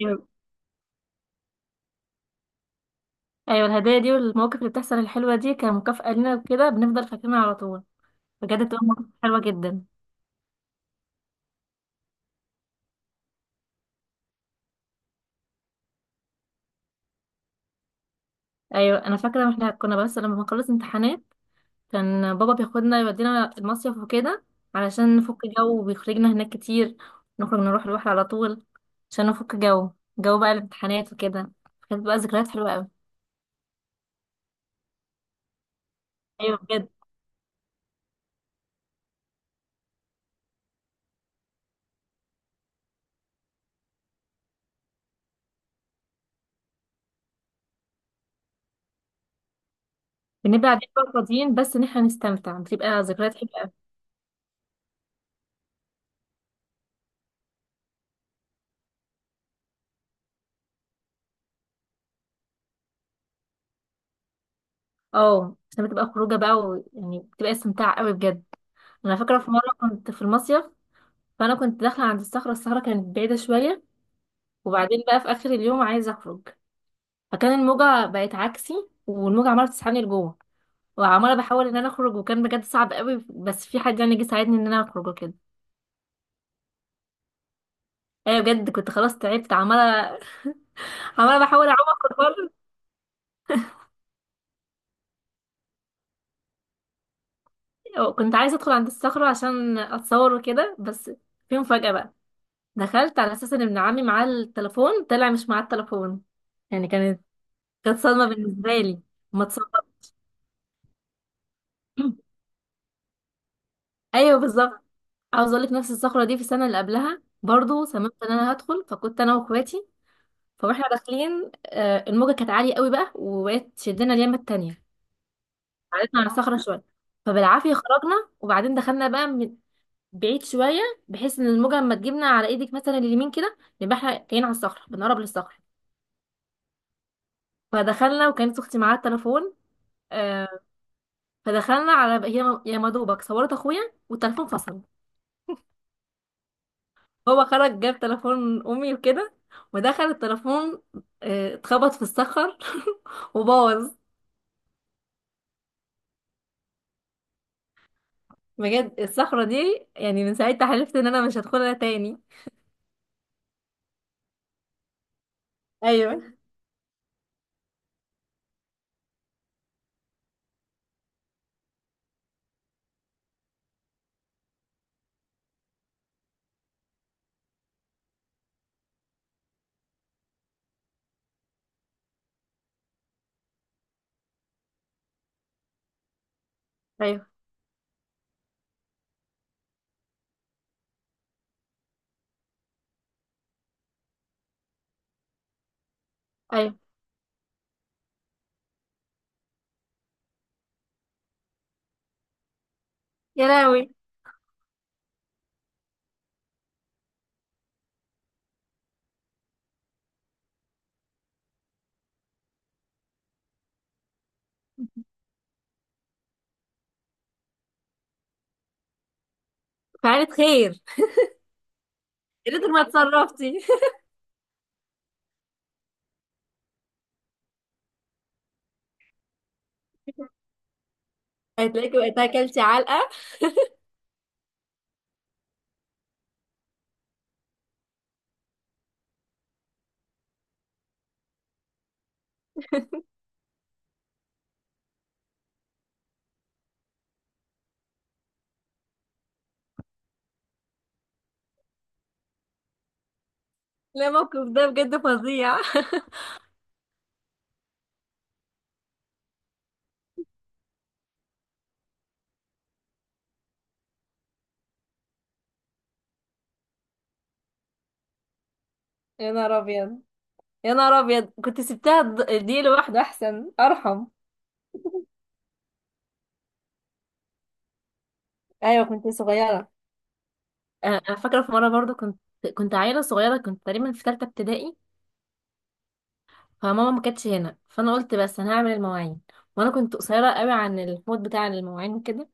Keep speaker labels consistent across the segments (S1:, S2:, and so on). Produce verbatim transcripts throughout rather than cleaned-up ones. S1: ايوه، أيوة، الهدايا دي والمواقف اللي بتحصل الحلوه دي كمكافاه لنا وكده بنفضل فاكرينها على طول. بجد بتبقى مواقف حلوه جدا. ايوه، انا فاكره احنا كنا بس لما بنخلص امتحانات كان بابا بياخدنا يودينا المصيف وكده علشان نفك جو، وبيخرجنا هناك كتير. نخرج نروح البحر على طول عشان نفك جو، جو بقى الامتحانات وكده. كانت بقى ذكريات حلوه قوي. ايوه بجد. بنبقى قاعدين بقى فاضيين بس ان احنا نستمتع، بتبقى ذكريات حلوه قوي. اه، عشان بتبقى خروجه بقى ويعني بتبقى استمتاع قوي بجد. انا فاكره في مره كنت في المصيف، فانا كنت داخله عند الصخره الصخره كانت بعيده شويه. وبعدين بقى في اخر اليوم عايزه اخرج، فكان الموجه بقت عكسي، والموجه عماله تسحبني لجوه. وعماله بحاول ان انا اخرج، وكان بجد صعب قوي، بس في حد يعني جه ساعدني ان انا اخرج وكده. ايوه بجد، كنت خلاص تعبت. عماله عماله بحاول اعوم اخرج بره. كنت عايزه ادخل عند الصخره عشان اتصور وكده بس. في مفاجاه بقى، دخلت على اساس ان ابن عمي معاه التليفون، طلع مش معاه التليفون. يعني كانت كانت صدمه بالنسبه لي. ما اتصورتش. ايوه بالظبط. عاوز اقول لك، نفس الصخره دي في السنه اللي قبلها برضو سمعت ان انا هدخل، فكنت انا واخواتي. فاحنا داخلين، آه، الموجه كانت عاليه قوي بقى، وبقت تشدنا اليمه التانية. قعدتنا على الصخره شويه، فبالعافيه خرجنا. وبعدين دخلنا بقى من بعيد شويه، بحيث ان الموجه لما تجيبنا على ايدك مثلا اليمين كده يبقى احنا كاين على الصخره، بنقرب للصخره. فدخلنا، وكانت اختي معاها التليفون. آه، فدخلنا، على هي يا مدوبك صورت اخويا والتليفون فصل. هو خرج جاب تليفون امي وكده، ودخل التليفون، آه، اتخبط في الصخر وبوظ. بجد الصخرة دي يعني من ساعتها حلفت ان انا مش هدخلها تاني. ايوه، ايوه، ايوه، يا لهوي. فعلت خير. يا ريت ما اتصرفتي. هتلاقيكي وقتها اكلتي علقة. لا، موقف ده بجد فظيع. يا نهار ابيض، يا نهار ابيض، كنت سبتها د- دي لوحده احسن ارحم. ايوه كنت صغيرة. آه، انا فاكرة في مرة برضو كنت، كنت عيلة صغيرة، كنت تقريبا في ثالثة ابتدائي. فماما ما كانتش هنا، فانا قلت بس انا هعمل المواعين، وانا كنت قصيره قوي عن الحوض بتاع المواعين وكده.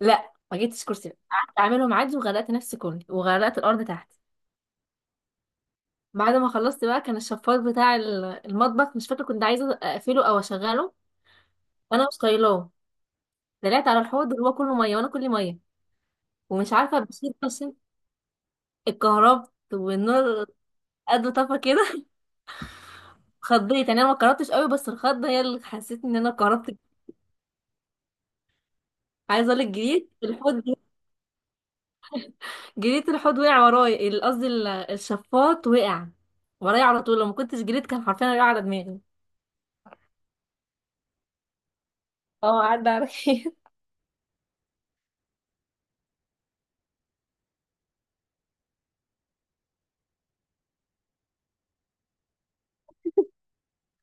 S1: لا، ما جبتش كرسي، قعدت اعملهم عادي، وغرقت نفسي كلي، وغرقت الارض تحت. بعد ما خلصت بقى كان الشفاط بتاع ال- المطبخ، مش فاكره كنت عايزه اقفله او اشغله، وانا مش طايلاه. طلعت على الحوض اللي هو كله ميه وانا كلي ميه، ومش عارفه بشيل، عشان اتكهربت والنور قد طفى كده اتخضيت، يعني انا ما اتكهربتش قوي، بس الخضه هي اللي حسيت ان انا اتكهربت. عايزه اقول لك، جريت الحوض. جريت الحوض وقع ورايا ال- قصدي ال- الشفاط وقع ورايا على طول. لو ما كنتش جريت كان حرفيا وقع على دماغي. اه، عدى عليك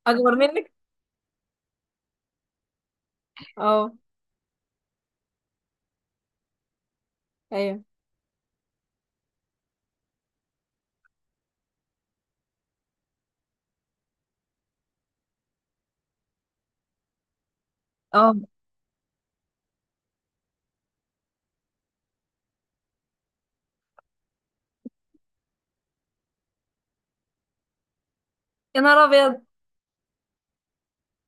S1: اكبر منك. اه. ايوه. اه. يا نهار ابيض،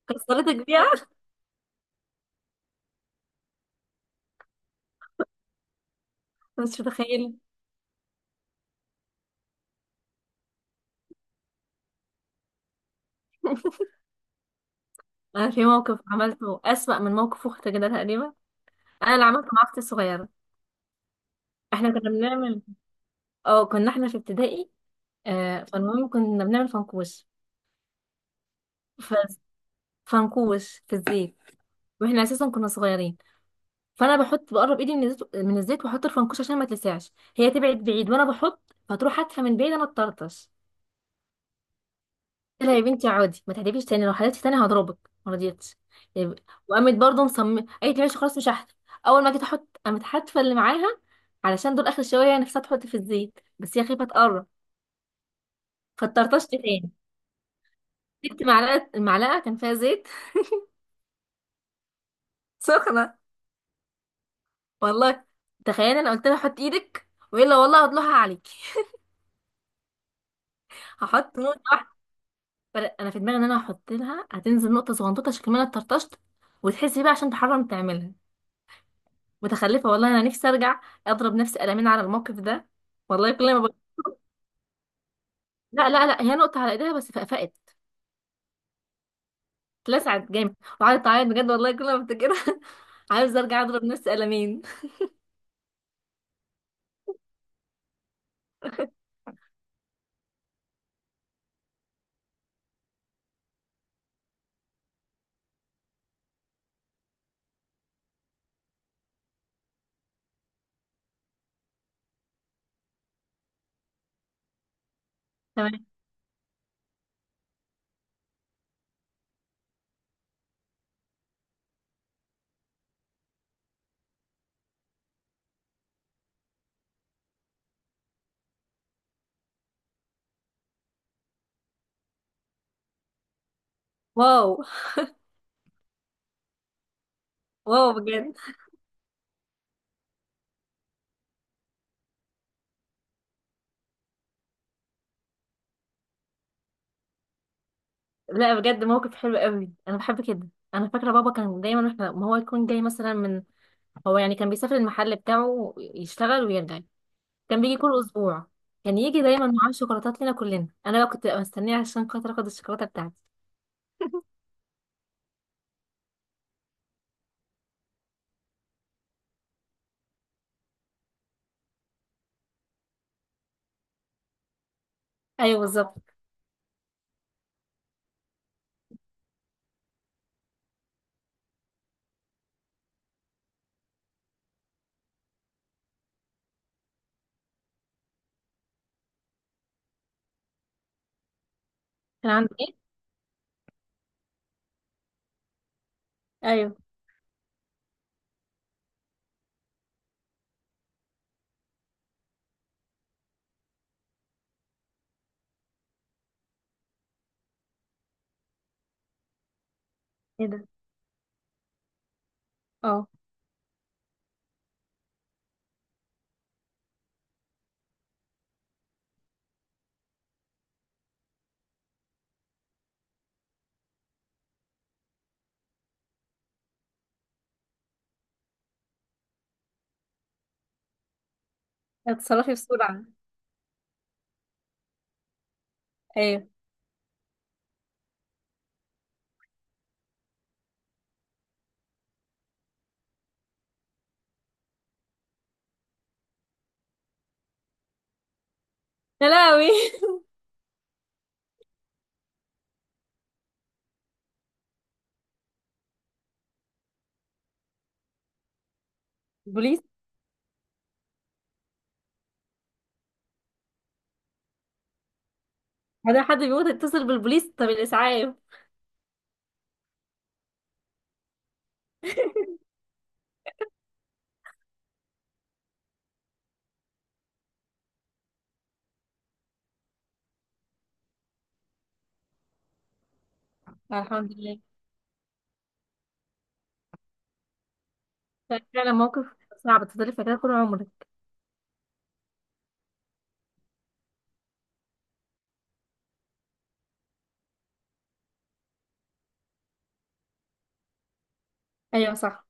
S1: كسرتك بيها. مش متخيله. انا في موقف عملته اسوأ من موقف اختي كده تقريبا. انا اللي عملته مع اختي الصغيره. احنا كنا بنعمل. اه، كنا احنا في ابتدائي. آه فالمهم كنا بنعمل فنكوش. ف... فنكوش في الزيت. واحنا اساسا كنا صغيرين، فانا بحط بقرب ايدي من الزيت من الزيت واحط الفنكوش، عشان ما تلسعش، هي تبعد بعيد وانا بحط، فتروح هاتفه من بعيد، انا اتطرطش. قلت لها يا بنتي عادي، ما تحدفيش تاني، لو حدفتي تاني هضربك. ما رضيتش، يب- وقامت برضه مصممه قالت لي ماشي خلاص مش هحدف. اول ما جيت احط قامت حاتفه اللي معاها، علشان دول اخر شويه هي نفسها تحط في الزيت بس هي خايفه تقرب، فاتطرطشت تاني. جبت معلقه، المعلقه كان فيها زيت سخنه. والله، تخيل انا قلت لها حط ايدك والا والله هطلعها عليكي هحط نوع. فأنا- انا في دماغي ان انا هحط لها هتنزل نقطه صغنطوطه، عشان كمان اتطرطشت، وتحسي بقى عشان تحرم تعملها. متخلفه والله، انا نفسي ارجع اضرب نفسي قلمين على الموقف ده. والله كل ما بق... لا لا لا، هي نقطه على ايديها بس فقفقت. اتلسعت جامد، وقعدت تعيط بجد. والله كل ما افتكرها عاوز ارجع اضرب نفسي قلمين. تمام. واو. واو بجد. لا، بجد موقف حلو قوي، انا بحب كده. انا فاكره بابا كان دايما احنا، ما هو يكون جاي مثلا من، هو يعني كان بيسافر المحل بتاعه يشتغل ويرجع، كان بيجي كل اسبوع. كان يجي دايما معاه شوكولاتات لنا كلنا، انا بقى كنت ببقى مستنيه عشان خاطر اخد الشوكولاته بتاعتي. ايوه بالظبط. كان عندي ايه؟ ايوه. ايه ده؟ اه. اتصرفي بسرعه. ايوه. يا لهوي البوليس؟ هذا حد بيموت، اتصل بالبوليس؟ طب الاسعاف. الحمد لله. فعلا موقف صعب تفضلي فاكراه طول عمرك. ايوه صح.